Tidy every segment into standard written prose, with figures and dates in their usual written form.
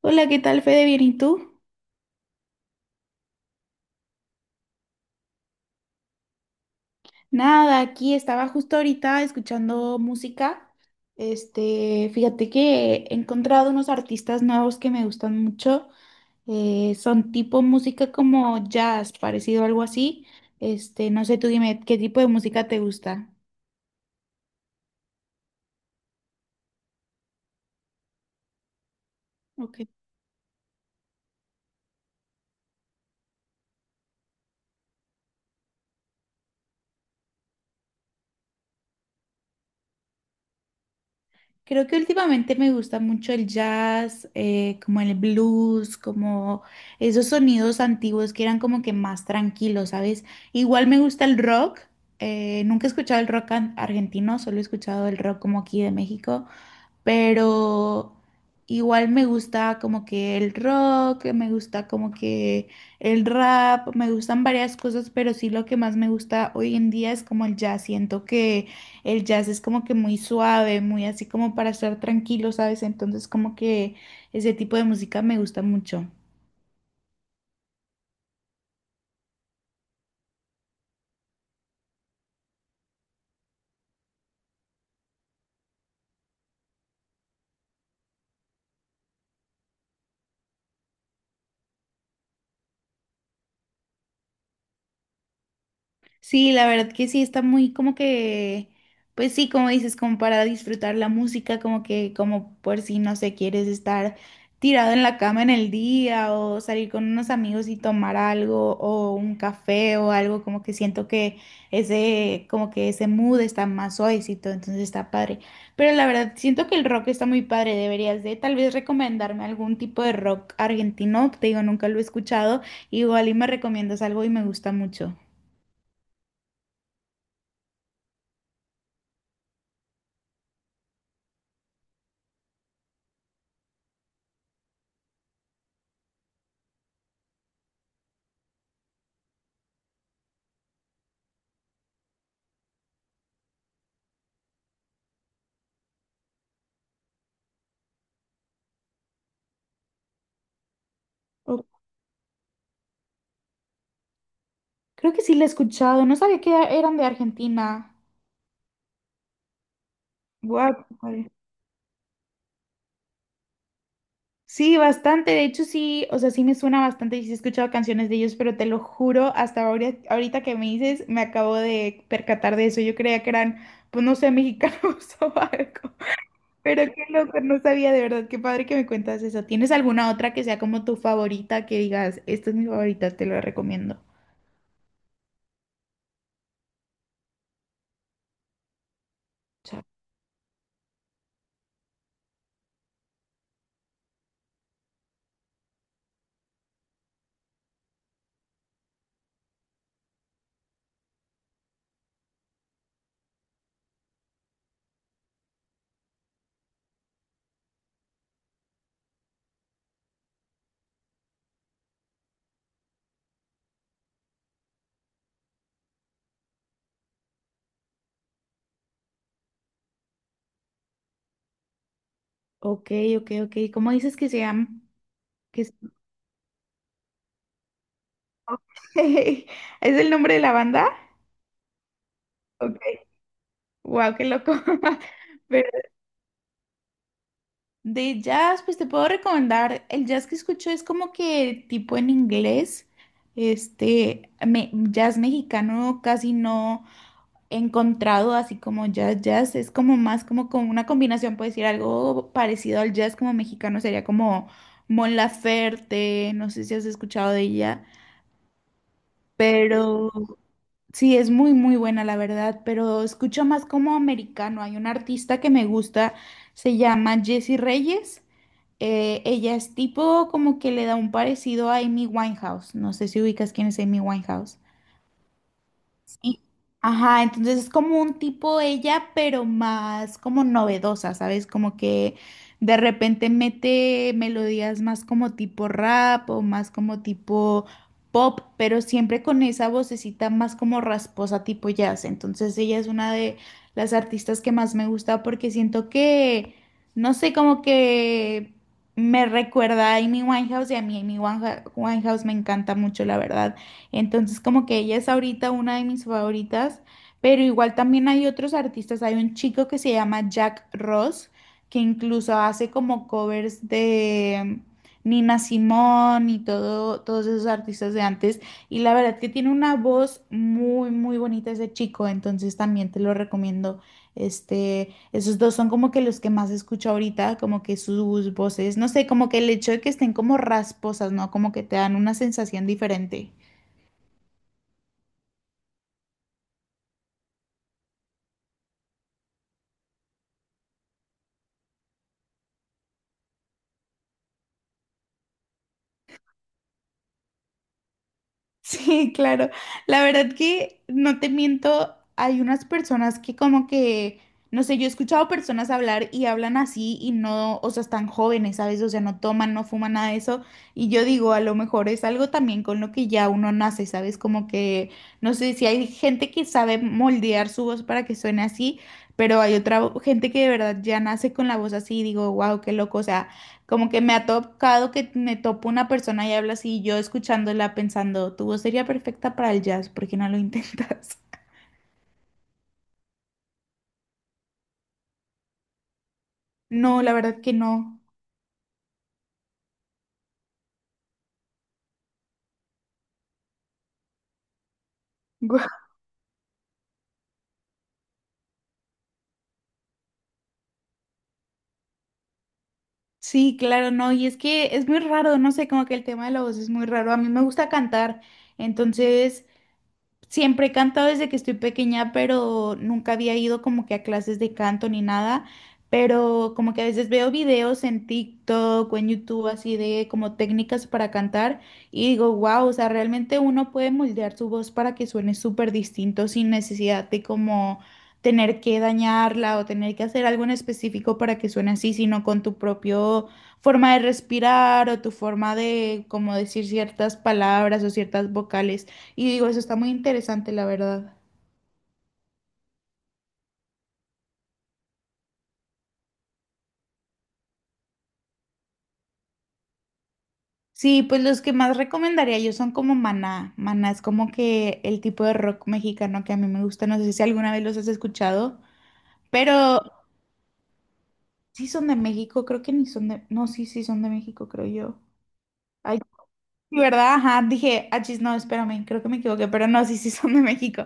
Hola, ¿qué tal, Fede? Bien, ¿y tú? Nada, aquí estaba justo ahorita escuchando música. Este, fíjate que he encontrado unos artistas nuevos que me gustan mucho. Son tipo música como jazz, parecido a algo así. Este, no sé, tú dime, ¿qué tipo de música te gusta? Ok. Creo que últimamente me gusta mucho el jazz, como el blues, como esos sonidos antiguos que eran como que más tranquilos, ¿sabes? Igual me gusta el rock. Nunca he escuchado el argentino, solo he escuchado el rock como aquí de México, pero igual me gusta como que el rock, me gusta como que el rap, me gustan varias cosas, pero sí lo que más me gusta hoy en día es como el jazz. Siento que el jazz es como que muy suave, muy así como para estar tranquilo, ¿sabes? Entonces como que ese tipo de música me gusta mucho. Sí, la verdad que sí, está muy como que, pues sí, como dices, como para disfrutar la música, como que, como por si, no sé, quieres estar tirado en la cama en el día o salir con unos amigos y tomar algo o un café o algo, como que siento que ese, como que ese mood está más suavecito, entonces está padre. Pero la verdad, siento que el rock está muy padre, deberías de tal vez recomendarme algún tipo de rock argentino, te digo, nunca lo he escuchado, igual y me recomiendas algo y me gusta mucho. Creo que sí la he escuchado, no sabía que eran de Argentina. Guau, qué padre. Sí, bastante, de hecho sí, o sea, sí me suena bastante y sí he escuchado canciones de ellos, pero te lo juro, hasta ahorita, que me dices, me acabo de percatar de eso. Yo creía que eran, pues no sé, mexicanos o algo. Pero qué loco, no sabía de verdad, qué padre que me cuentas eso. ¿Tienes alguna otra que sea como tu favorita que digas, esta es mi favorita, te la recomiendo? Cha- Ok, ok. ¿Cómo dices que se llama? Que es- ¿Es el nombre de la banda? Ok. Wow, qué loco. Pero de jazz, pues te puedo recomendar. El jazz que escucho es como que tipo en inglés. Este, jazz mexicano casi no he encontrado así como jazz, jazz. Es como más como, con una combinación, puedes decir algo parecido al jazz como mexicano. Sería como Mon Laferte, no sé si has escuchado de ella, pero... Sí, es muy, muy buena, la verdad, pero escucho más como americano. Hay una artista que me gusta, se llama Jessie Reyes. Ella es tipo como que le da un parecido a Amy Winehouse. No sé si ubicas quién es Amy Winehouse. Y- Ajá, entonces es como un tipo ella, pero más como novedosa, ¿sabes? Como que de repente mete melodías más como tipo rap o más como tipo pop, pero siempre con esa vocecita más como rasposa tipo jazz. Entonces ella es una de las artistas que más me gusta porque siento que, no sé, como que me recuerda a Amy Winehouse y a mí Amy Winehouse me encanta mucho, la verdad. Entonces, como que ella es ahorita una de mis favoritas, pero igual también hay otros artistas. Hay un chico que se llama Jack Ross, que incluso hace como covers de Nina Simone y todo, todos esos artistas de antes. Y la verdad que tiene una voz muy, muy bonita ese chico, entonces también te lo recomiendo. Este, esos dos son como que los que más escucho ahorita, como que sus voces, no sé, como que el hecho de que estén como rasposas, ¿no? Como que te dan una sensación diferente. Sí, claro. La verdad que no te miento, hay unas personas que como que, no sé, yo he escuchado personas hablar y hablan así y no, o sea, están jóvenes, ¿sabes? O sea, no toman, no fuman nada de eso. Y yo digo, a lo mejor es algo también con lo que ya uno nace, ¿sabes? Como que, no sé, si hay gente que sabe moldear su voz para que suene así, pero hay otra gente que de verdad ya nace con la voz así y digo, wow, qué loco. O sea, como que me ha tocado que me topo una persona y habla así, y yo escuchándola pensando, tu voz sería perfecta para el jazz, ¿por qué no lo intentas? No, la verdad que no. Guau. Sí, claro, no, y es que es muy raro, no sé, como que el tema de la voz es muy raro. A mí me gusta cantar, entonces siempre he cantado desde que estoy pequeña, pero nunca había ido como que a clases de canto ni nada. Pero como que a veces veo videos en TikTok o en YouTube así de como técnicas para cantar y digo, wow, o sea, realmente uno puede moldear su voz para que suene súper distinto sin necesidad de como tener que dañarla o tener que hacer algo en específico para que suene así, sino con tu propio forma de respirar o tu forma de como decir ciertas palabras o ciertas vocales. Y digo, eso está muy interesante, la verdad. Sí, pues los que más recomendaría yo son como Maná. Maná es como que el tipo de rock mexicano que a mí me gusta. No sé si alguna vez los has escuchado, pero sí son de México, creo que ni son de... No, sí, sí son de México, creo yo. Ay, sí, ¿verdad? Ajá, dije, achis, no, espérame, creo que me equivoqué, pero no, sí, sí son de México.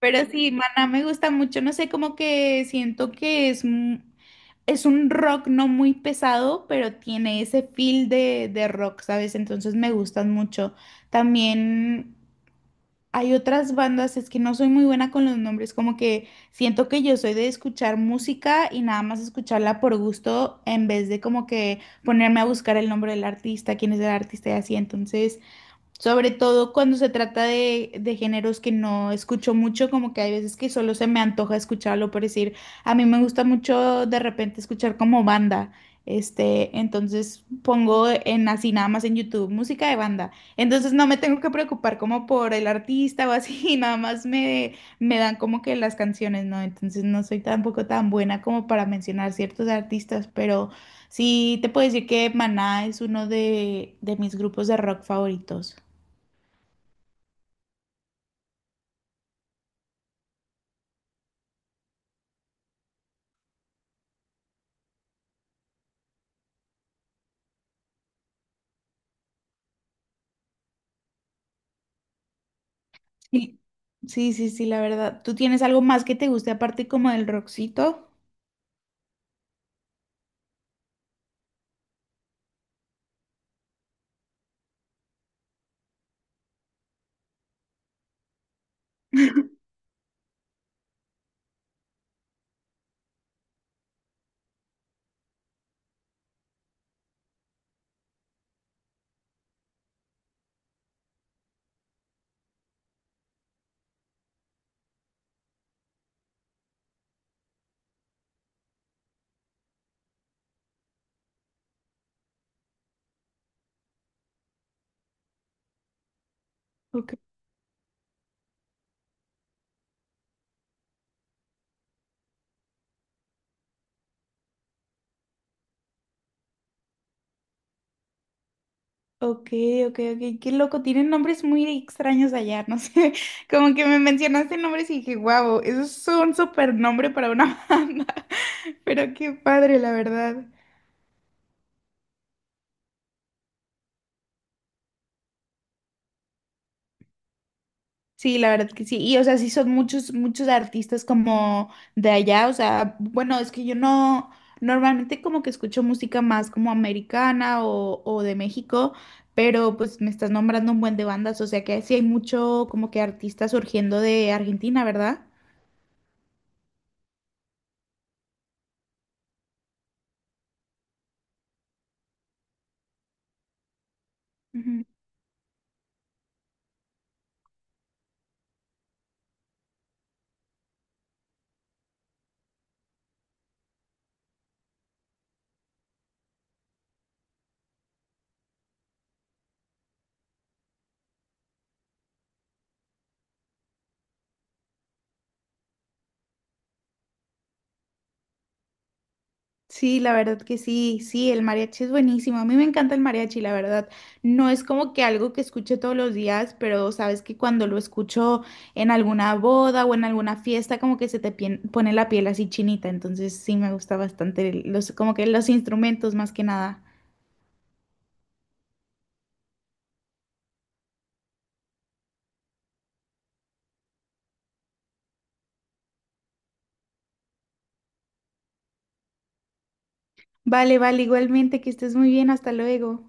Pero sí, Maná me gusta mucho, no sé, como que siento que es, es un rock no muy pesado, pero tiene ese feel de rock, ¿sabes? Entonces me gustan mucho. También hay otras bandas, es que no soy muy buena con los nombres, como que siento que yo soy de escuchar música y nada más escucharla por gusto en vez de como que ponerme a buscar el nombre del artista, quién es el artista y así, entonces... Sobre todo cuando se trata de géneros que no escucho mucho, como que hay veces que solo se me antoja escucharlo, por decir, a mí me gusta mucho de repente escuchar como banda, este, entonces pongo en así nada más en YouTube música de banda, entonces no me tengo que preocupar como por el artista o así, nada más me dan como que las canciones, ¿no? Entonces no soy tampoco tan buena como para mencionar ciertos artistas, pero sí te puedo decir que Maná es uno de mis grupos de rock favoritos. Sí, sí, la verdad. ¿Tú tienes algo más que te guste aparte como del rockcito? Ok, ok, ok, qué loco. Tienen nombres muy extraños allá, no sé. Como que me mencionaste nombres y dije, wow, eso es un super nombre para una banda. Pero qué padre, la verdad. Sí, la verdad que sí. Y o sea, sí son muchos, muchos artistas como de allá. O sea, bueno, es que yo no, normalmente como que escucho música más como americana o de México, pero pues me estás nombrando un buen de bandas. O sea que sí hay mucho como que artistas surgiendo de Argentina, ¿verdad? Ujú. Sí, la verdad que sí, sí, el mariachi es buenísimo. A mí me encanta el mariachi, la verdad. No es como que algo que escuche todos los días, pero sabes que cuando lo escucho en alguna boda o en alguna fiesta, como que se te pone la piel así chinita. Entonces sí me gusta bastante los, como que los instrumentos más que nada. Vale, vale, igualmente, que estés muy bien, hasta luego.